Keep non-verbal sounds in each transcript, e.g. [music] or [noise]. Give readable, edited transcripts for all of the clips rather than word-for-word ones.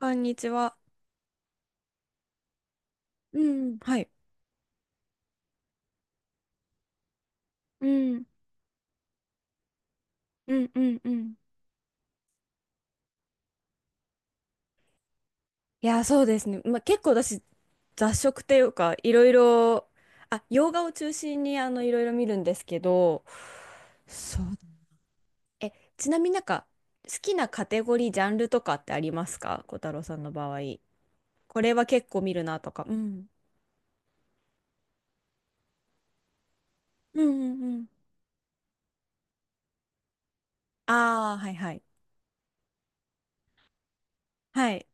こんにちは。うん、はい。うん、うん、うん、うん。いや、そうですね。まあ、結構私、雑食っていうか、いろいろ、あ、洋画を中心に、いろいろ見るんですけど、そう。え、ちなみになんか、好きなカテゴリー、ジャンルとかってありますか、小太郎さんの場合？これは結構見るなとか。うん。うん、うん、うん。ああ、はいはい。はい。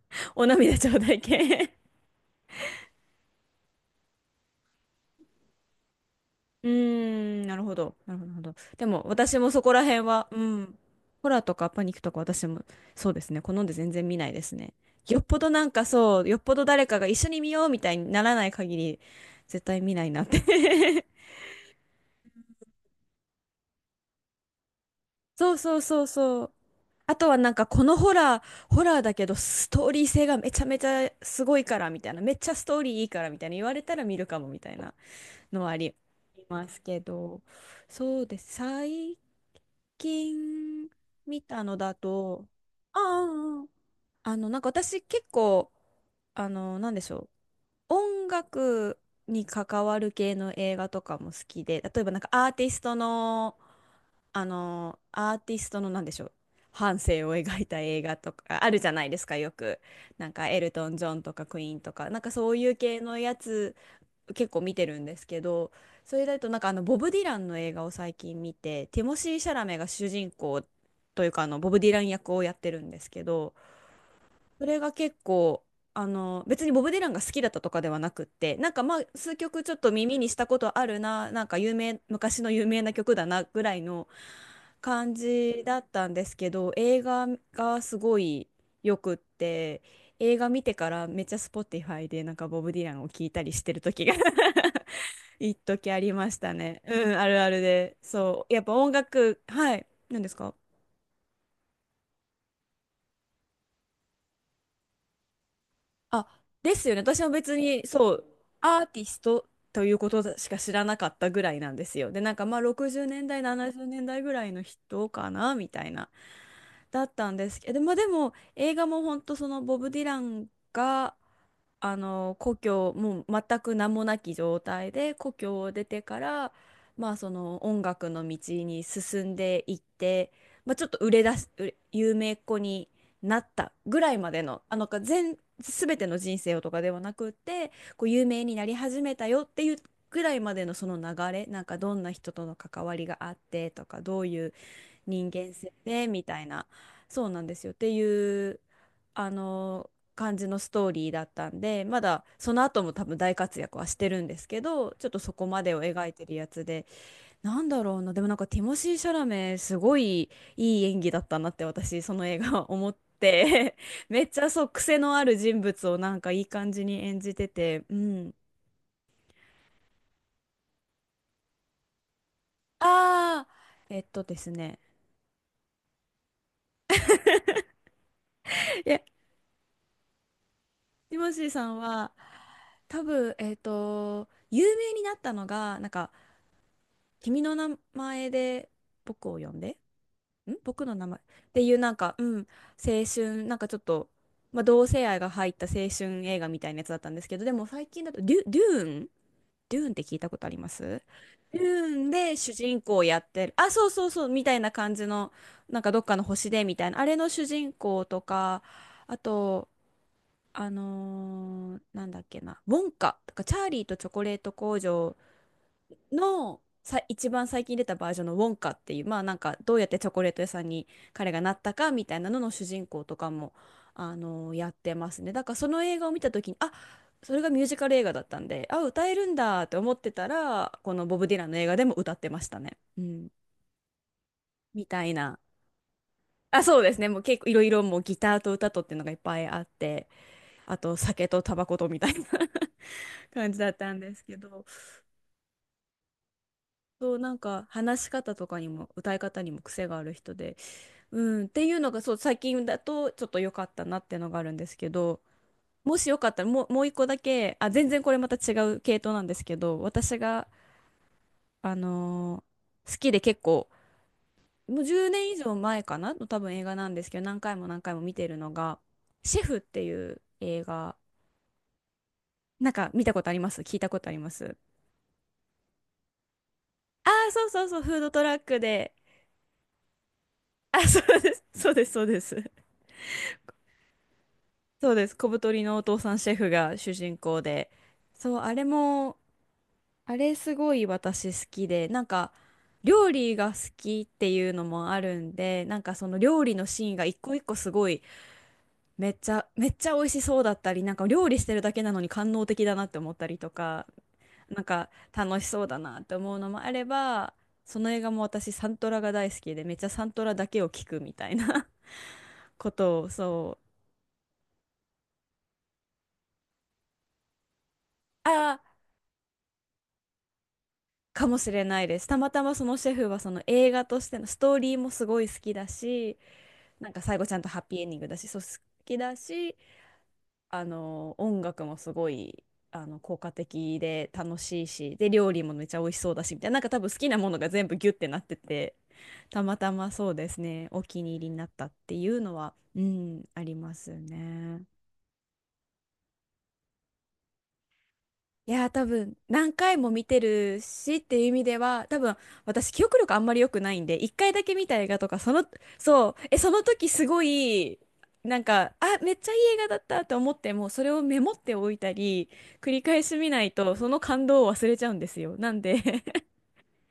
[laughs] お涙頂戴系。うーん、なるほど。なるほど。なるほど。でも、私もそこら辺は、うん。ホラーとかパニックとか私も、そうですね。好んで全然見ないですね。よっぽどなんかそう、よっぽど誰かが一緒に見ようみたいにならない限り、絶対見ないなって。 [laughs] そうそうそうそう。あとはなんかこのホラー、ホラーだけどストーリー性がめちゃめちゃすごいからみたいな、めっちゃストーリーいいからみたいな言われたら見るかもみたいなのはありますけど。そうです。最近見たのだと、ああ、あなんか私結構、なんでしょう、音楽に関わる系の映画とかも好きで、例えばなんかアーティストのなんでしょう、半生を描いた映画とかあるじゃないですか、よく。なんかエルトン・ジョンとかクイーンとか、なんかそういう系のやつ結構見てるんですけど、それだとなんかあのボブ・ディランの映画を最近見て、ティモシー・シャラメが主人公というか、あのボブ・ディラン役をやってるんですけど、それが結構、別にボブ・ディランが好きだったとかではなくって、なんかまあ数曲ちょっと耳にしたことあるな、なんか昔の有名な曲だなぐらいの感じだったんですけど、映画がすごいよくって、映画見てからめっちゃ Spotify でなんかボブ・ディランを聴いたりしてる時が [laughs] 一時ありましたね。うん、あるあるで。そう。やっぱ音楽、はい。何ですか？あ、ですよね。私も別に、そう、アーティストということしか知らなかったぐらいなんですよ。で、なんかまあ60年代、70年代ぐらいの人かな、みたいな。だったんですけど、まあ、でも映画も本当、そのボブ・ディランがあの故郷、もう全く名もなき状態で故郷を出てから、まあ、その音楽の道に進んでいって、まあ、ちょっと売れ出す有名っ子になったぐらいまでの、あのか全、全ての人生をとかではなくって、こう有名になり始めたよっていうぐらいまでのその流れ、なんかどんな人との関わりがあってとか、どういう人間性でみたいな、そうなんですよっていう、あの感じのストーリーだったんで、まだその後も多分大活躍はしてるんですけど、ちょっとそこまでを描いてるやつで、なんだろうな、でもなんかティモシー・シャラメ、すごいいい演技だったなって私その映画は思って、 [laughs] めっちゃ、そう、癖のある人物をなんかいい感じに演じてて、うん。ああーえっとですねいや、ティモシーさんは多分、有名になったのが、なんか、君の名前で僕を呼んで、僕の名前っていう、なんか、うん、青春、なんかちょっと、まあ、同性愛が入った青春映画みたいなやつだったんですけど、でも最近だと、デューン。デューンって聞いたことありますデューンで主人公やってる、あ、そうそうそう、みたいな感じの、なんかどっかの星でみたいな、あれの主人公とか、あと、なんだっけな、ウォンカとか、チャーリーとチョコレート工場のさ、一番最近出たバージョンのウォンカっていう、まあなんかどうやってチョコレート屋さんに彼がなったかみたいなのの主人公とかも、やってますね。だからその映画を見た時に、あ、それがミュージカル映画だったんで、あ、歌えるんだって思ってたら、このボブ・ディランの映画でも歌ってましたね。うん、みたいな。あ、そうですね。もう結構いろいろ、もうギターと歌とっていうのがいっぱいあって、あと酒とタバコとみたいな。感じだったんですけど、そう、なんか話し方とかにも歌い方にも癖がある人で、うん、っていうのがそう、最近だとちょっと良かったなっていうのがあるんですけど、もしよかったら、もう、もう一個だけ、あ、全然これまた違う系統なんですけど、私が、あのー好きで結構、もう10年以上前かなの多分映画なんですけど、何回も何回も見てるのが、シェフっていう映画、なんか見たことあります聞いたことありますああー、そうそうそう、フードトラックで。あ、そうです、そうです、そうです。そうです。小太りのお父さんシェフが主人公で。そう、あれも、あれすごい私好きで、なんか料理が好きっていうのもあるんで、なんかその料理のシーンが一個一個すごい、めっちゃ、めっちゃ美味しそうだったり、なんか料理してるだけなのに官能的だなって思ったりとか、なんか楽しそうだなって思うのもあれば、その映画も私サントラが大好きで、めっちゃサントラだけを聞くみたいな [laughs] ことを、そう。あー、かもしれないです。たまたまそのシェフはその映画としてのストーリーもすごい好きだし、なんか最後ちゃんとハッピーエンディングだし、そう好きだし、あの音楽もすごい、効果的で楽しいし、で料理もめっちゃ美味しそうだしみたいな、なんか多分好きなものが全部ギュってなってて、たまたまそうですね、お気に入りになったっていうのは、うん、ありますね。いやー、多分何回も見てるしっていう意味では、多分私記憶力あんまり良くないんで、一回だけ見た映画とか、そのそうえその時すごい、なんかめっちゃいい映画だったと思っても、それをメモっておいたり繰り返し見ないとその感動を忘れちゃうんですよ、なんで、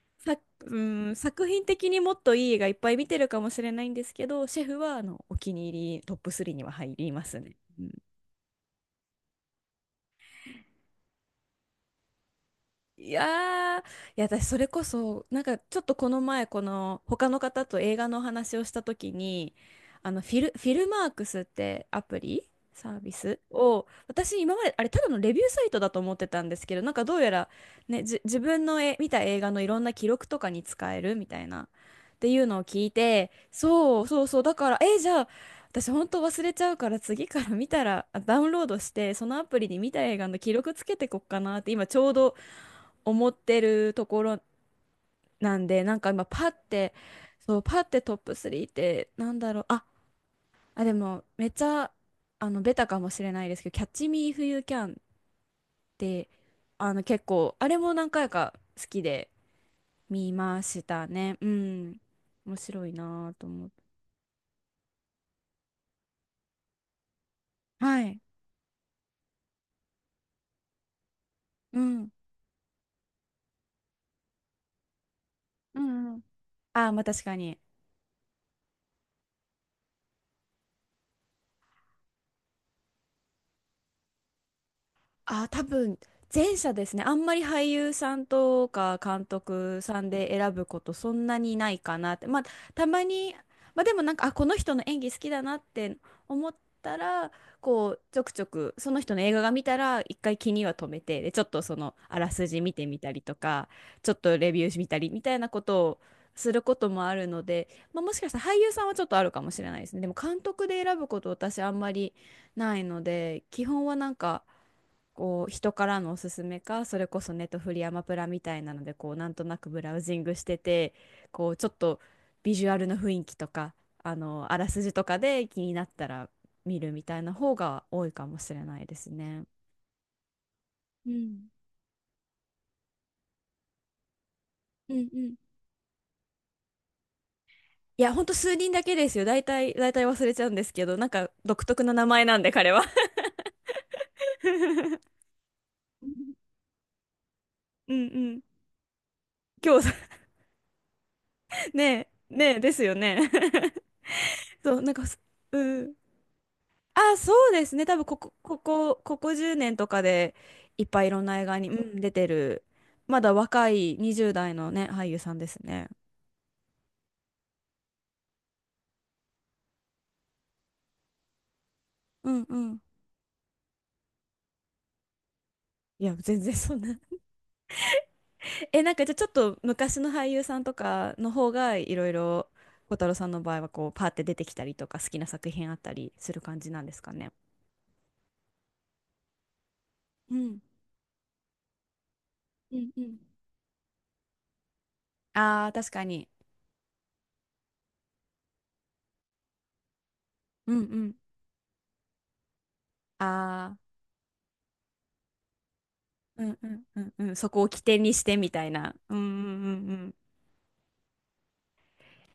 [laughs] さ、うん、作品的にもっといい映画いっぱい見てるかもしれないんですけど、シェフはあのお気に入りトップ3には入りますね。いやー、いや、私それこそなんかちょっとこの前、この他の方と映画のお話をした時に、あのフィルマークスってアプリサービスを、私今まであれただのレビューサイトだと思ってたんですけど、なんかどうやら、ね、自分の、見た映画のいろんな記録とかに使えるみたいなっていうのを聞いて、そうそうそう、だからえ、じゃあ私本当忘れちゃうから、次から見たら、あ、ダウンロードしてそのアプリに見た映画の記録つけてこっかなって今ちょうど思ってるところなんで、なんか今パッて、そう、パッてトップ3ってなんだろう。あ、あ、でもめっちゃ、ベタかもしれないですけど、キャッチミー If You Can って、結構、あれも何回か好きで見ましたね。うん。面白いなぁと思って。はい。うん。うんうん。ああ、まあ確かに。あ、多分前者ですね。あんまり俳優さんとか監督さんで選ぶことそんなにないかなって。まあ、たまに、まあでもなんか、あ、この人の演技好きだなって思ったら、こう、ちょくちょく、その人の映画が見たら、一回気には留めて、で、ちょっとその、あらすじ見てみたりとか、ちょっとレビュー見たりみたいなことをすることもあるので、まあ、もしかしたら俳優さんはちょっとあるかもしれないですね。でも監督で選ぶこと私あんまりないので、基本はなんか、こう人からのおすすめか、それこそネットフリアマプラみたいなのでこうなんとなくブラウジングしてて、こうちょっとビジュアルの雰囲気とか、あのあらすじとかで気になったら見るみたいな方が多いかもしれないですね。うんうんうん。いやほんと数人だけですよ、大体大体忘れちゃうんですけど、なんか独特な名前なんで彼は。 [laughs] うんうん、今日、ねえねえですよね。 [laughs] そうなんか、うん。あ、そうですね。多分ここ10年とかでいっぱいいろんな映画に、うん、出てる、まだ若い20代のね、俳優さんですね。うんうん。いや、全然そんな。 [laughs] なんかじゃあちょっと昔の俳優さんとかの方がいろいろ、小太郎さんの場合はこう、パーって出てきたりとか、好きな作品あったりする感じなんですかね？うんうんうん。ああ、確かに。うんうん。ああ、うんうんうんうん。そこを起点にしてみたいな。うんうんうんうん。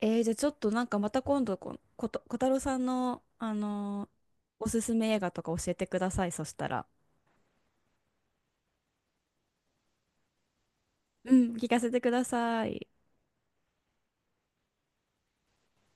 じゃあちょっとなんかまた今度、こ、こと、小太郎さんの、おすすめ映画とか教えてください。そしたら。うん、聞かせてください。